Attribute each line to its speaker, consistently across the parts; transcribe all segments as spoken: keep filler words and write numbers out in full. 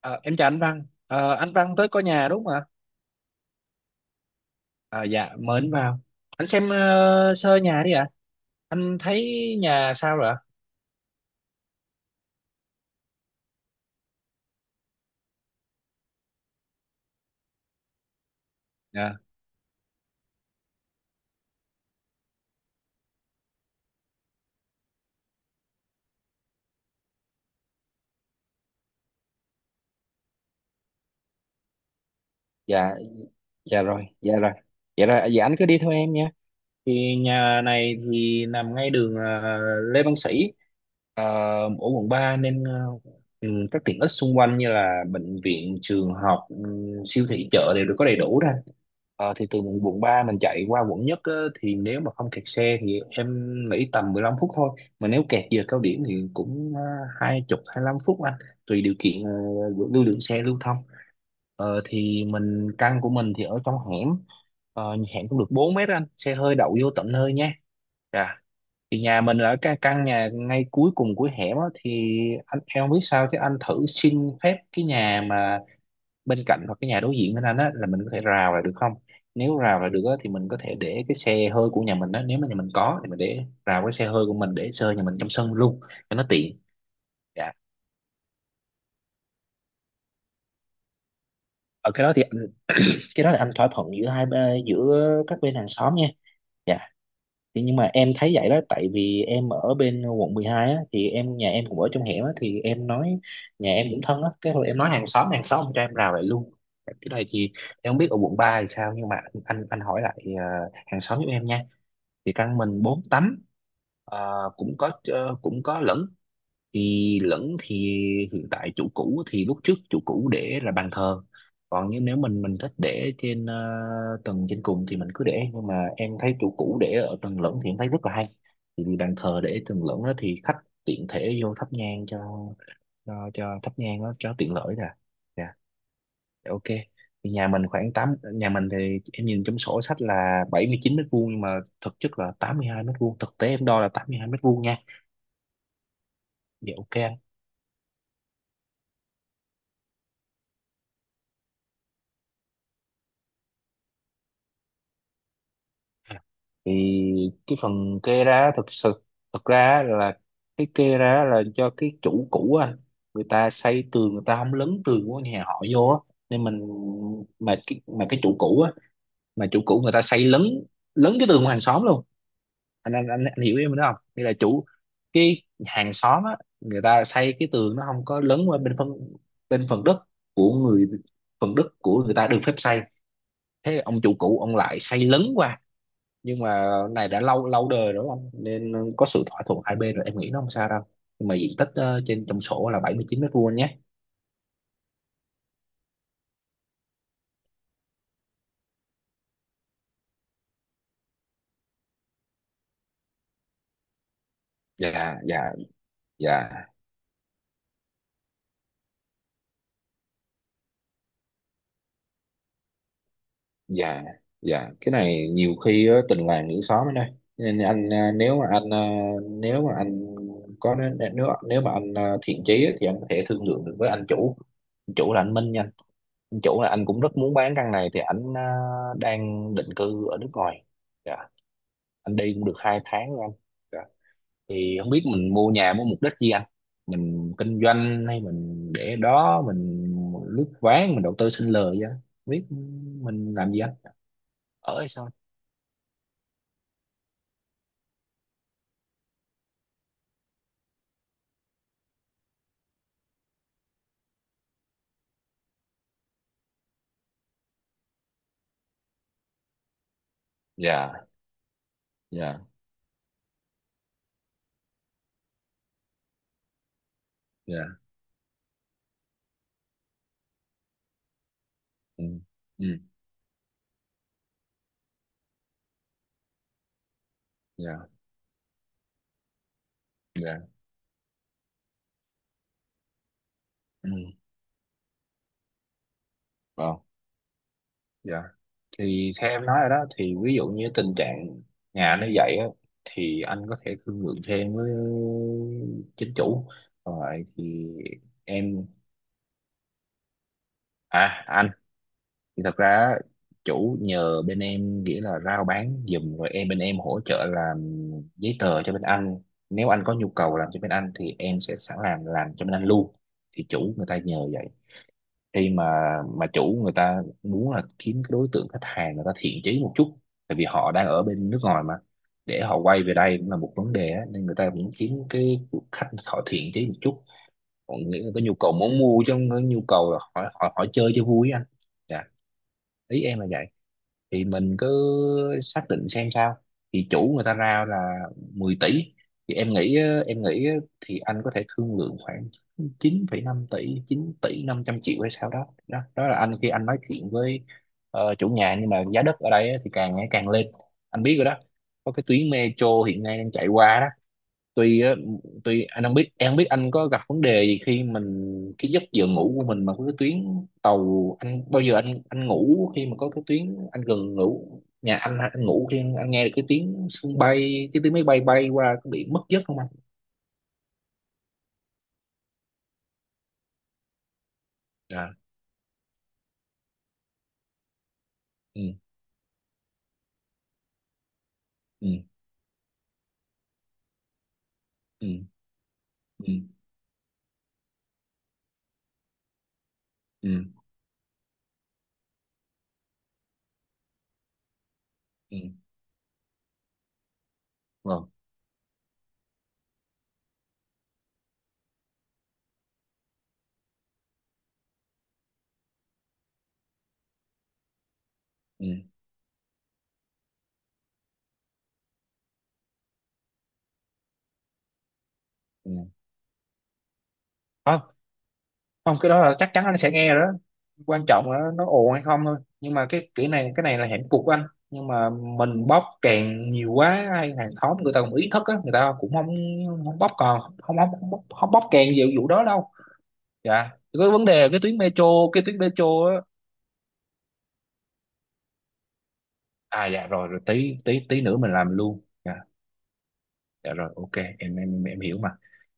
Speaker 1: Ờ, em chào anh Văn. Ờ, anh Văn tới coi nhà đúng không ạ? Ờ, dạ, mời anh vào. Anh xem ờ, sơ nhà đi ạ. Anh thấy nhà sao rồi ạ? Dạ, dạ, dạ rồi, dạ rồi. Dạ rồi, dạ anh cứ đi theo em nha. Thì nhà này thì nằm ngay đường à, Lê Văn Sĩ à, ở quận ba nên à, ừ, các tiện ích xung quanh như là bệnh viện trường học ừ, siêu thị chợ đều được có đầy đủ ra. Ờ, thì từ quận ba mình chạy qua quận nhất á, thì nếu mà không kẹt xe thì em nghĩ tầm mười lăm phút thôi. Mà nếu kẹt giờ cao điểm thì cũng à, hai chục hai lăm phút anh, tùy điều kiện ờ, lưu lượng xe lưu thông. Ờ, thì mình căn của mình thì ở trong hẻm. Ờ, hẹn cũng được bốn mét anh, xe hơi đậu vô tận hơi nha. Dạ. Thì nhà mình ở cái căn nhà ngay cuối cùng của hẻm á, thì anh em không biết sao chứ anh thử xin phép cái nhà mà bên cạnh hoặc cái nhà đối diện bên anh á là mình có thể rào lại được không. Nếu rào lại được á, thì mình có thể để cái xe hơi của nhà mình á, nếu mà nhà mình có thì mình để rào cái xe hơi của mình để xe hơi nhà mình trong sân luôn cho nó tiện. Dạ, ở cái đó thì anh- cái đó là anh thỏa thuận giữa hai bên- giữa các bên hàng xóm nha. Dạ. Thì nhưng mà em thấy vậy đó, tại vì em ở bên quận mười hai á, thì em nhà em cũng ở trong hẻm á, thì em nói nhà em cũng thân á, cái hồi em nói hàng xóm hàng xóm cho em rào lại luôn. Cái này thì em không biết ở quận ba thì sao, nhưng mà anh anh, hỏi lại ờ, hàng xóm giúp em nha. Thì căn mình bốn tấm ờ, cũng có ờ, cũng có lẫn, thì lẫn thì hiện tại chủ cũ thì lúc trước chủ cũ để là bàn thờ. Còn như nếu mình mình thích để trên ờ, tầng trên cùng thì mình cứ để, nhưng mà em thấy chủ cũ để ở tầng lẫn thì em thấy rất là hay. Thì vì bàn thờ để tầng lẫn đó thì khách tiện thể vô thắp nhang cho cho, cho thắp nhang đó cho tiện lợi nè. Dạ. Dạ, ok. Thì nhà mình khoảng tám nhà mình thì em nhìn trong sổ sách là bảy mươi chín mét vuông, nhưng mà thực chất là tám mươi hai mét vuông, thực tế em đo là tám mươi hai mét vuông nha. Dạ ok anh. Thì cái phần kê ra thực sự, thực ra á là cái kê ra là do cái chủ cũ á, người ta xây tường người ta không lấn tường của nhà họ vô á, nên mình, mà cái mà cái chủ cũ á, mà chủ cũ người ta xây lấn, lấn cái tường của hàng xóm luôn. Anh anh anh, anh hiểu em đó không, nghĩa là chủ, cái hàng xóm á người ta xây cái tường nó không có lấn qua bên phân bên phần đất của người phần đất của người ta được phép xây. Thế ông chủ cũ ông lại xây lấn qua. Nhưng mà này đã lâu lâu đời rồi anh, nên có sự thỏa thuận hai bên rồi, em nghĩ nó không sao đâu. Nhưng mà diện tích ờ, trên trong sổ là bảy mươi chín mét vuông nhé. Dạ. Dạ. Dạ. Dạ. Dạ, cái này nhiều khi ờ, tình làng nghĩa xóm ở đây, nên anh, ờ, nếu mà anh ờ, nếu mà anh có nếu nếu mà anh ờ, thiện chí á, thì anh có thể thương lượng được với anh chủ. Anh chủ là anh Minh nha. Anh chủ là anh cũng rất muốn bán căn này, thì anh ờ, đang định cư ở nước ngoài. Dạ. Anh đi cũng được hai tháng rồi anh. Dạ. Thì không biết mình mua nhà mua mục đích gì anh, mình kinh doanh hay mình để đó, mình lướt ván, mình đầu tư sinh lời, vậy không biết mình làm gì anh, ở hay sao. Dạ. Dạ. Dạ. Ừ. Ừ. Dạ. Dạ. Ừ. Vâng. Dạ. Thì theo em nói rồi đó, thì ví dụ như tình trạng nhà nó vậy á, thì anh có thể thương lượng thêm với chính chủ. Rồi thì em, à anh, thì thật ra chủ nhờ bên em, nghĩa là rao bán giùm, rồi em bên em hỗ trợ làm giấy tờ cho bên anh. Nếu anh có nhu cầu làm cho bên anh thì em sẽ sẵn làm làm cho bên anh luôn. Thì chủ người ta nhờ vậy, khi mà mà chủ người ta muốn là kiếm cái đối tượng khách hàng người ta thiện chí một chút, tại vì họ đang ở bên nước ngoài mà, để họ quay về đây cũng là một vấn đề á, nên người ta cũng kiếm cái khách họ thiện chí một chút. Họ nghĩ là có nhu cầu muốn mua, chứ không có nhu cầu là họ họ, họ chơi cho vui á anh. Dạ. Ý em là vậy. Thì mình cứ xác định xem sao. Thì chủ người ta ra là mười tỷ, thì em nghĩ á, em nghĩ á, thì anh có thể thương lượng khoảng chín phẩy năm tỷ, chín tỷ năm trăm triệu hay sao đó, đó đó là anh khi anh nói chuyện với ờ, chủ nhà. Nhưng mà giá đất ở đây á, thì càng ngày càng lên, anh biết rồi đó. Có cái tuyến metro hiện nay đang chạy qua. Tuy á, tuy anh không biết, em không biết anh có gặp vấn đề gì khi mình, cái giấc giờ ngủ của mình mà có cái tuyến tàu anh, bao giờ anh anh ngủ khi mà có cái tuyến anh gần ngủ nhà anh anh ngủ khi anh nghe được cái tiếng sân bay cái tiếng máy bay bay qua có bị mất giấc không anh. Dạ. Ừ. Ừ. Ừ. Ừ. Ừ. Ừ. Vâng. Ừ. Ừ. Không, cái đó là chắc chắn anh sẽ nghe rồi đó. Quan trọng là nó ồn hay không thôi, nhưng mà cái kỹ này, cái này là hạnh cục của anh. Nhưng mà mình bóp càng nhiều quá hay hàng xóm người ta cũng ý thức á, người ta cũng không, không bóp còn không không không, bóp không bóc càng nhiều vụ đó đâu. Dạ, cái vấn đề là cái tuyến metro, cái tuyến metro á. À, dạ rồi rồi, tí tí tí nữa mình làm luôn. Dạ. Dạ rồi, ok. Em em em hiểu mà.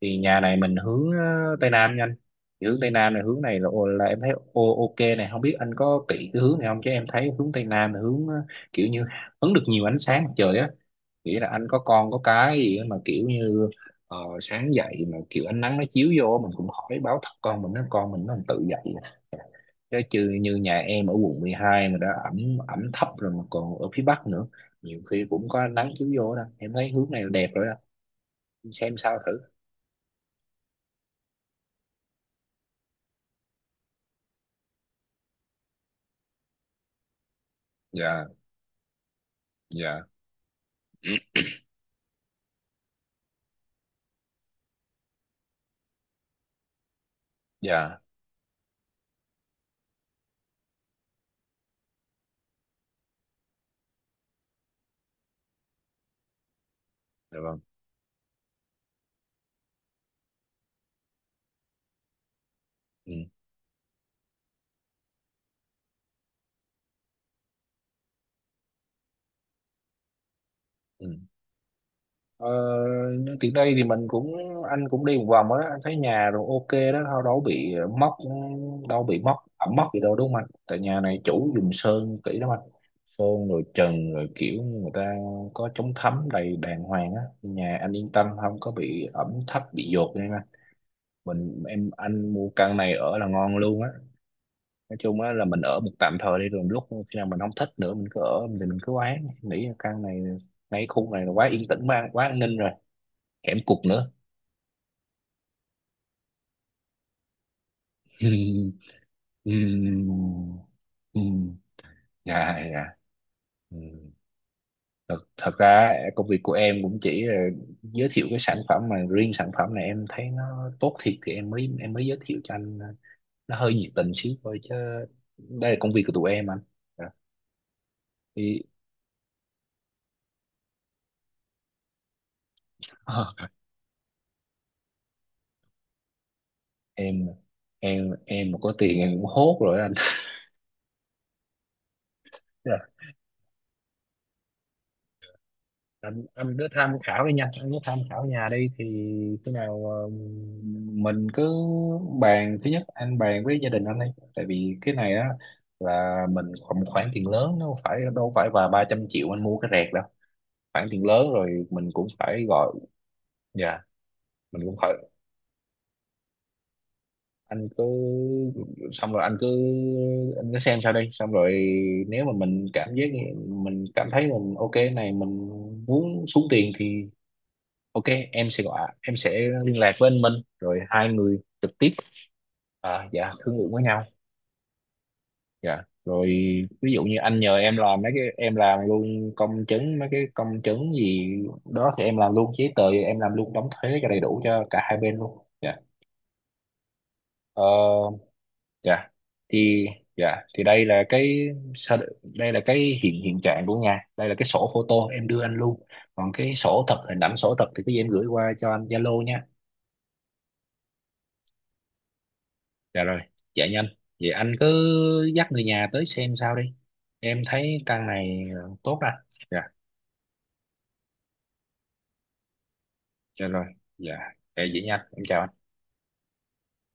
Speaker 1: Thì nhà này mình hướng ờ, tây nam nha anh. Thì hướng tây nam này, hướng này là là em thấy ô ok này, không biết anh có kỹ cái hướng này không, chứ em thấy hướng tây nam là hướng ờ, kiểu như hứng được nhiều ánh sáng mặt trời á. Nghĩa là anh có con có cái gì á mà kiểu như ờ, sáng dậy mà kiểu ánh nắng nó chiếu vô mình cũng khỏi báo thức, con mình nó, con mình nó tự dậy. Chứ chứ như nhà em ở quận mười hai mà đã ẩm ẩm thấp rồi mà còn ở phía bắc nữa, nhiều khi cũng có ánh nắng chiếu vô đó, em thấy hướng này là đẹp rồi đó, xem sao thử. Dạ. Dạ. Dạ. Dạ. Vâng. Ừ. Ừ. ờ, nhưng tiện đây thì mình cũng, anh cũng đi một vòng á anh thấy nhà rồi ok đó, đâu đâu bị mốc, đâu bị mốc ẩm mốc gì đâu đúng không anh, tại nhà này chủ dùng sơn kỹ lắm anh, sơn rồi trần rồi kiểu người ta có chống thấm đầy đàng hoàng á, nhà anh yên tâm không có bị ẩm thấp bị dột nha anh. Mình em anh mua căn này ở là ngon luôn á. Nói chung á là mình ở một tạm thời đi, rồi lúc khi nào mình không thích nữa, mình cứ ở thì mình cứ bán, nghĩ là căn này ngay khu này là quá yên tĩnh, quá quá an ninh rồi, hẻm cụt nữa. Ừm, ừm, dạ dạ. Ừ. Thật thật ra công việc của em cũng chỉ là giới thiệu cái sản phẩm, mà riêng sản phẩm này em thấy nó tốt thiệt thì em mới, em mới giới thiệu cho anh. ờ, nó hơi nhiệt tình xíu thôi, chứ đây là công việc của tụi em anh. Dạ. Thì em em em mà có tiền em cũng hốt rồi anh. anh, anh cứ tham khảo đi nha, anh cứ tham khảo nhà đi, thì khi nào ờ, mình cứ bàn, thứ nhất anh bàn với gia đình anh đi, tại vì cái này á là mình một khoản tiền lớn, nó không phải đâu phải và ba trăm triệu anh mua cái rẹt đâu, khoản tiền lớn rồi mình cũng phải gọi. Dạ. Mình cũng phải, anh cứ, xong rồi anh cứ, anh cứ xem sao đi, xong rồi nếu mà mình cảm giác, mình cảm thấy mình ok này, mình muốn xuống tiền thì, ok, em sẽ gọi, em sẽ liên lạc với anh Minh, rồi hai người trực tiếp, à, dạ thương lượng với nhau. Dạ. Rồi ví dụ như anh nhờ em làm mấy cái, em làm luôn công chứng mấy cái công chứng gì đó, thì em làm luôn giấy tờ, thì em làm luôn đóng thuế cho đầy đủ cho cả hai bên luôn. Dạ. Ờ, dạ. Thì dạ thì đây là cái sao- đây là cái hiện hiện trạng của nhà. Đây là cái sổ photo em đưa anh luôn. Còn cái sổ thật, hình ảnh sổ thật thì cái gì em gửi qua cho anh Zalo nha. Dạ rồi, dạ nhanh. Vậy anh cứ dắt người nhà tới xem sao đi. Em thấy căn này ờ, tốt đó. Dạ, dạ rồi. Dạ, dạ vậy nhanh. Em chào anh.